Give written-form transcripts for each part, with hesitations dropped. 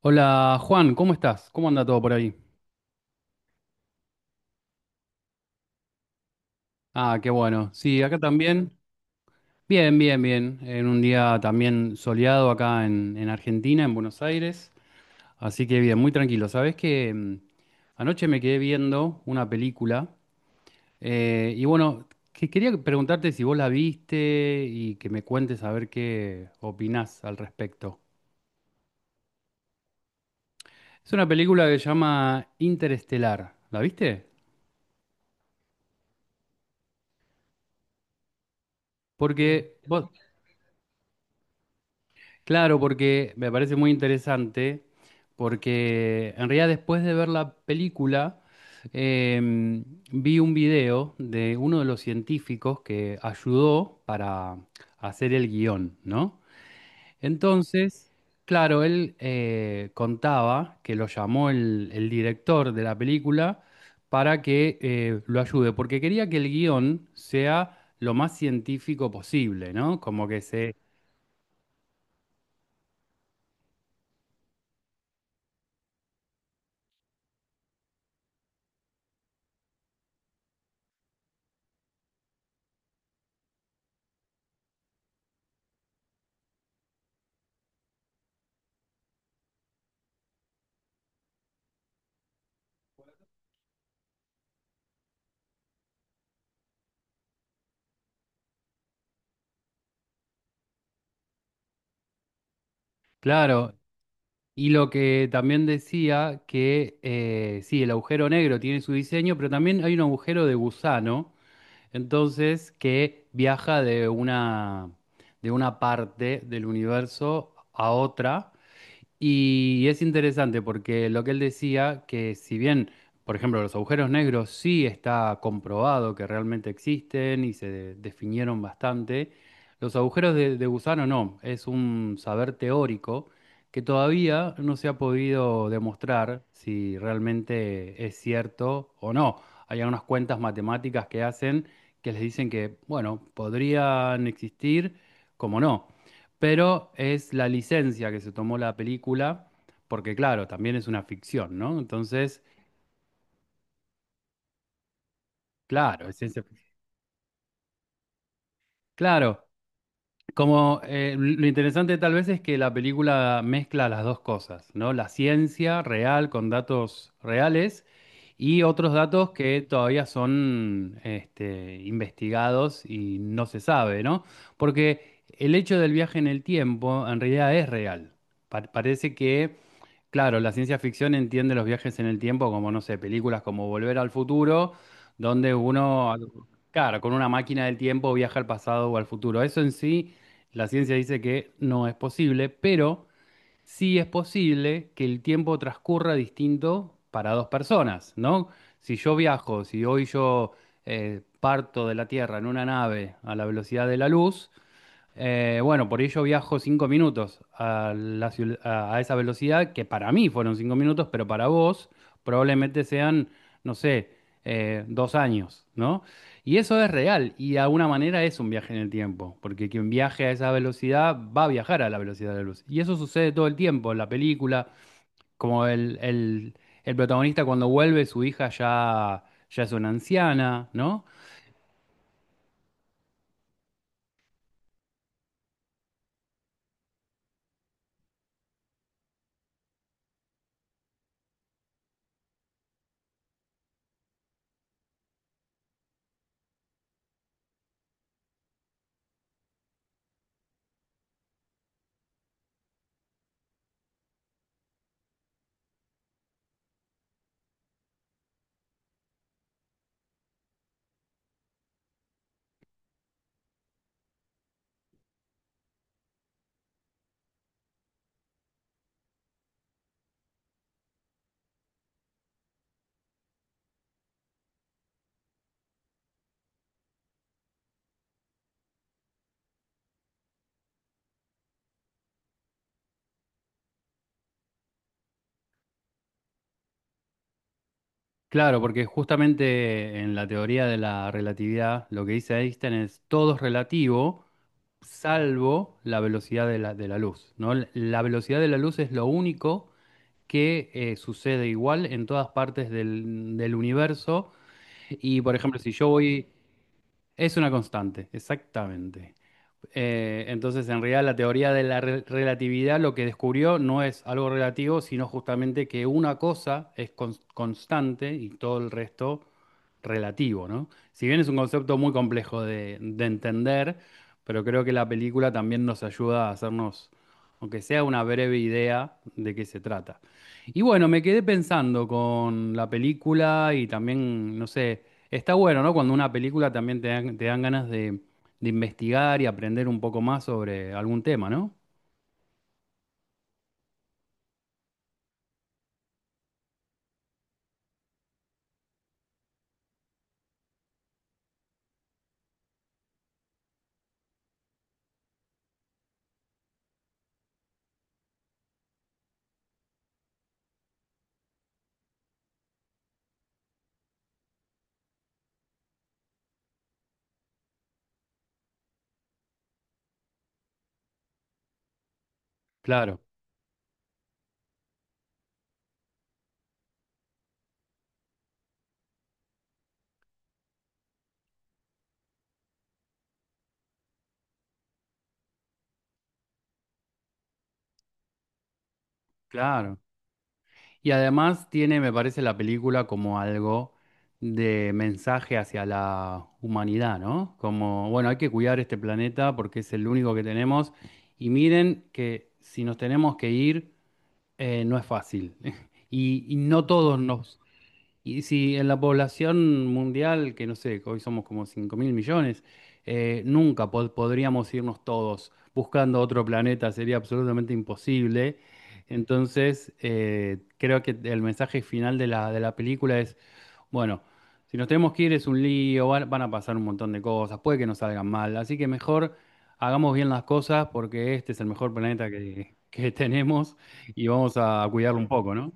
Hola Juan, ¿cómo estás? ¿Cómo anda todo por ahí? Ah, qué bueno. Sí, acá también. Bien, bien, bien. En un día también soleado acá en Argentina, en Buenos Aires. Así que bien, muy tranquilo. Sabés que anoche me quedé viendo una película y bueno, que quería preguntarte si vos la viste y que me cuentes a ver qué opinás al respecto. Es una película que se llama Interestelar. ¿La viste? Porque vos, Claro, porque me parece muy interesante, porque en realidad después de ver la película, em, vi un video de uno de los científicos que ayudó para hacer el guión, ¿no? Entonces, claro, él contaba que lo llamó el director de la película para que lo ayude, porque quería que el guión sea lo más científico posible, ¿no? Como que se... Claro, y lo que también decía que sí, el agujero negro tiene su diseño, pero también hay un agujero de gusano, entonces que viaja de una parte del universo a otra y es interesante porque lo que él decía, que si bien, por ejemplo, los agujeros negros sí está comprobado que realmente existen y se definieron bastante, los agujeros de gusano no, es un saber teórico que todavía no se ha podido demostrar si realmente es cierto o no. Hay algunas cuentas matemáticas que hacen que les dicen que, bueno, podrían existir, como no, pero es la licencia que se tomó la película, porque claro, también es una ficción, ¿no? Entonces, claro, es ciencia ficción. Claro, como lo interesante tal vez es que la película mezcla las dos cosas, ¿no? La ciencia real con datos reales y otros datos que todavía son este, investigados y no se sabe, ¿no? Porque el hecho del viaje en el tiempo en realidad es real. Parece que claro, la ciencia ficción entiende los viajes en el tiempo como, no sé, películas como Volver al Futuro, donde uno, claro, con una máquina del tiempo viaja al pasado o al futuro. Eso en sí, la ciencia dice que no es posible, pero sí es posible que el tiempo transcurra distinto para dos personas, ¿no? Si hoy yo parto de la Tierra en una nave a la velocidad de la luz, bueno, por ello viajo cinco minutos a, la ciu- a esa velocidad, que para mí fueron cinco minutos, pero para vos probablemente sean, no sé, dos años, ¿no? Y eso es real, y de alguna manera es un viaje en el tiempo, porque quien viaje a esa velocidad va a viajar a la velocidad de la luz. Y eso sucede todo el tiempo en la película, como el protagonista cuando vuelve, ya es una anciana, ¿no? Claro, porque justamente en la teoría de la relatividad lo que dice Einstein es todo es relativo salvo la velocidad de la luz, ¿no? La velocidad de la luz es lo único que sucede igual en todas partes del universo y, por ejemplo, si yo voy... Es una constante, exactamente. Entonces, en realidad, la teoría de la relatividad lo que descubrió no es algo relativo, sino justamente que una cosa es constante y todo el resto relativo, ¿no? Si bien es un concepto muy complejo de entender, pero creo que la película también nos ayuda a hacernos, aunque sea una breve idea de qué se trata. Y bueno, me quedé pensando con la película y también, no sé, está bueno, ¿no? Cuando una película también te dan ganas de investigar y aprender un poco más sobre algún tema, ¿no? Claro, claro. Y además tiene, me parece, la película como algo de mensaje hacia la humanidad, ¿no? Como, bueno, hay que cuidar este planeta porque es el único que tenemos. Y miren que si nos tenemos que ir, no es fácil. Y, y no todos nos, Y si en la población mundial, que no sé, que hoy somos como 5.000 millones, nunca podríamos irnos todos buscando otro planeta, sería absolutamente imposible. Entonces, creo que el mensaje final de la película es, bueno, si nos tenemos que ir es un lío, van a pasar un montón de cosas, puede que nos salgan mal, así que mejor hagamos bien las cosas porque este es el mejor planeta que tenemos y vamos a cuidarlo un poco, ¿no?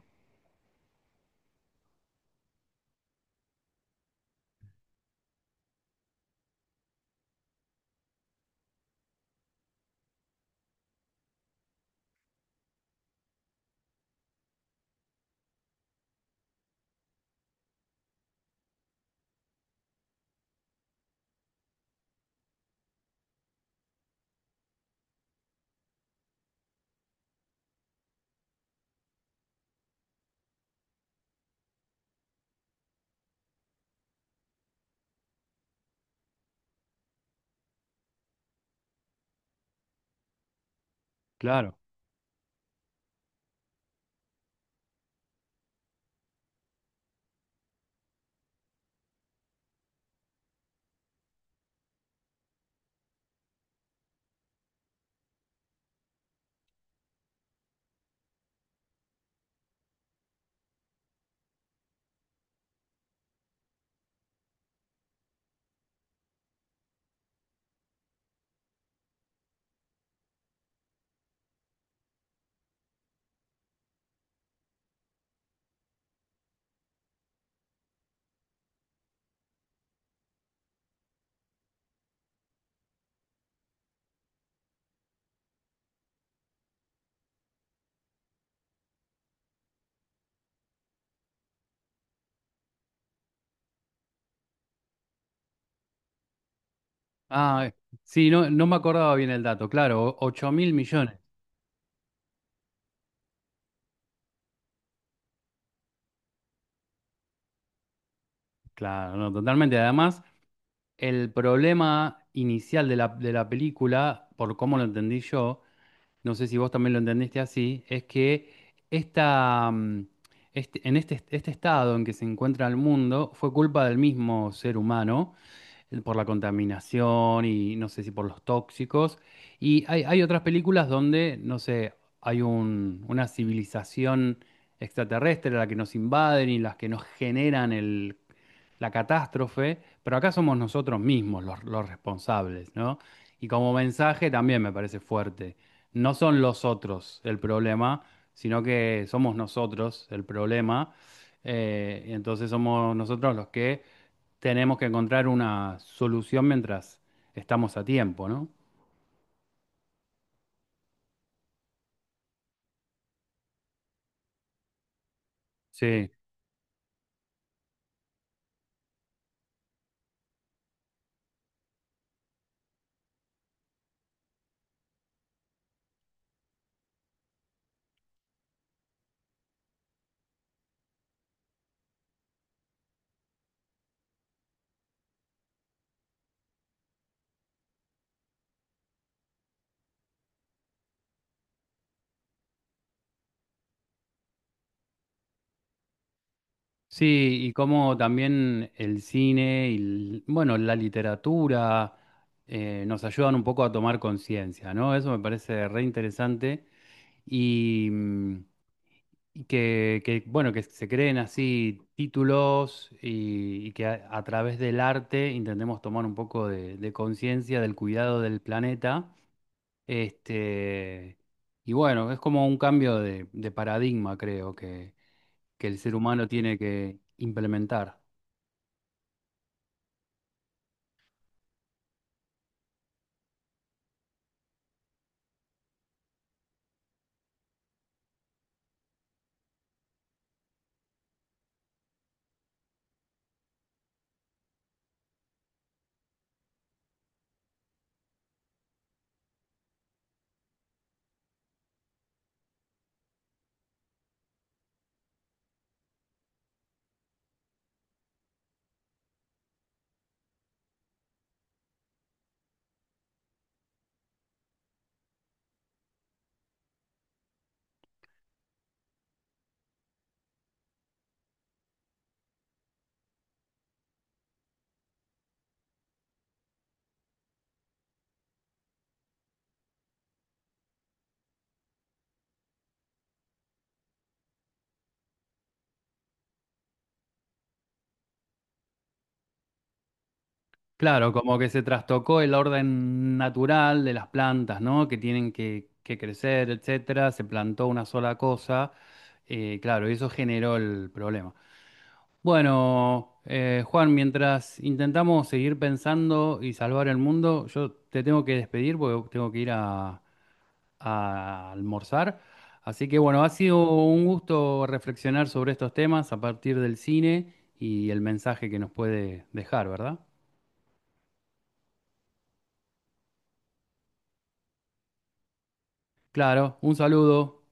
Claro. Ah, sí, no, no me acordaba bien el dato, claro, 8.000 millones, claro, no, totalmente. Además, el problema inicial de la película, por cómo lo entendí yo, no sé si vos también lo entendiste así, es que esta, mm, este- en este, este estado en que se encuentra el mundo fue culpa del mismo ser humano por la contaminación y no sé si por los tóxicos. Hay otras películas donde, no sé, una civilización extraterrestre la que nos invaden y las que nos generan la catástrofe, pero acá somos nosotros mismos los responsables, ¿no? Y como mensaje también me parece fuerte. No son los otros el problema, sino que somos nosotros el problema. Entonces somos nosotros los que tenemos que encontrar una solución mientras estamos a tiempo, ¿no? Sí, sí, y como también el cine y, bueno, la literatura nos ayudan un poco a tomar conciencia, ¿no? Eso me parece re interesante y, y bueno, que se creen así títulos y que a través del arte intentemos tomar un poco de conciencia del cuidado del planeta. Este, y bueno, es como un cambio de paradigma, creo, que el ser humano tiene que implementar. Claro, como que se trastocó el orden natural de las plantas, ¿no? Que tienen que crecer, etcétera. Se plantó una sola cosa. Claro, y eso generó el problema. Bueno, Juan, mientras intentamos seguir pensando y salvar el mundo, yo te tengo que despedir porque tengo que ir a almorzar. Así que bueno, ha sido un gusto reflexionar sobre estos temas a partir del cine y el mensaje que nos puede dejar, ¿verdad? Claro, un saludo.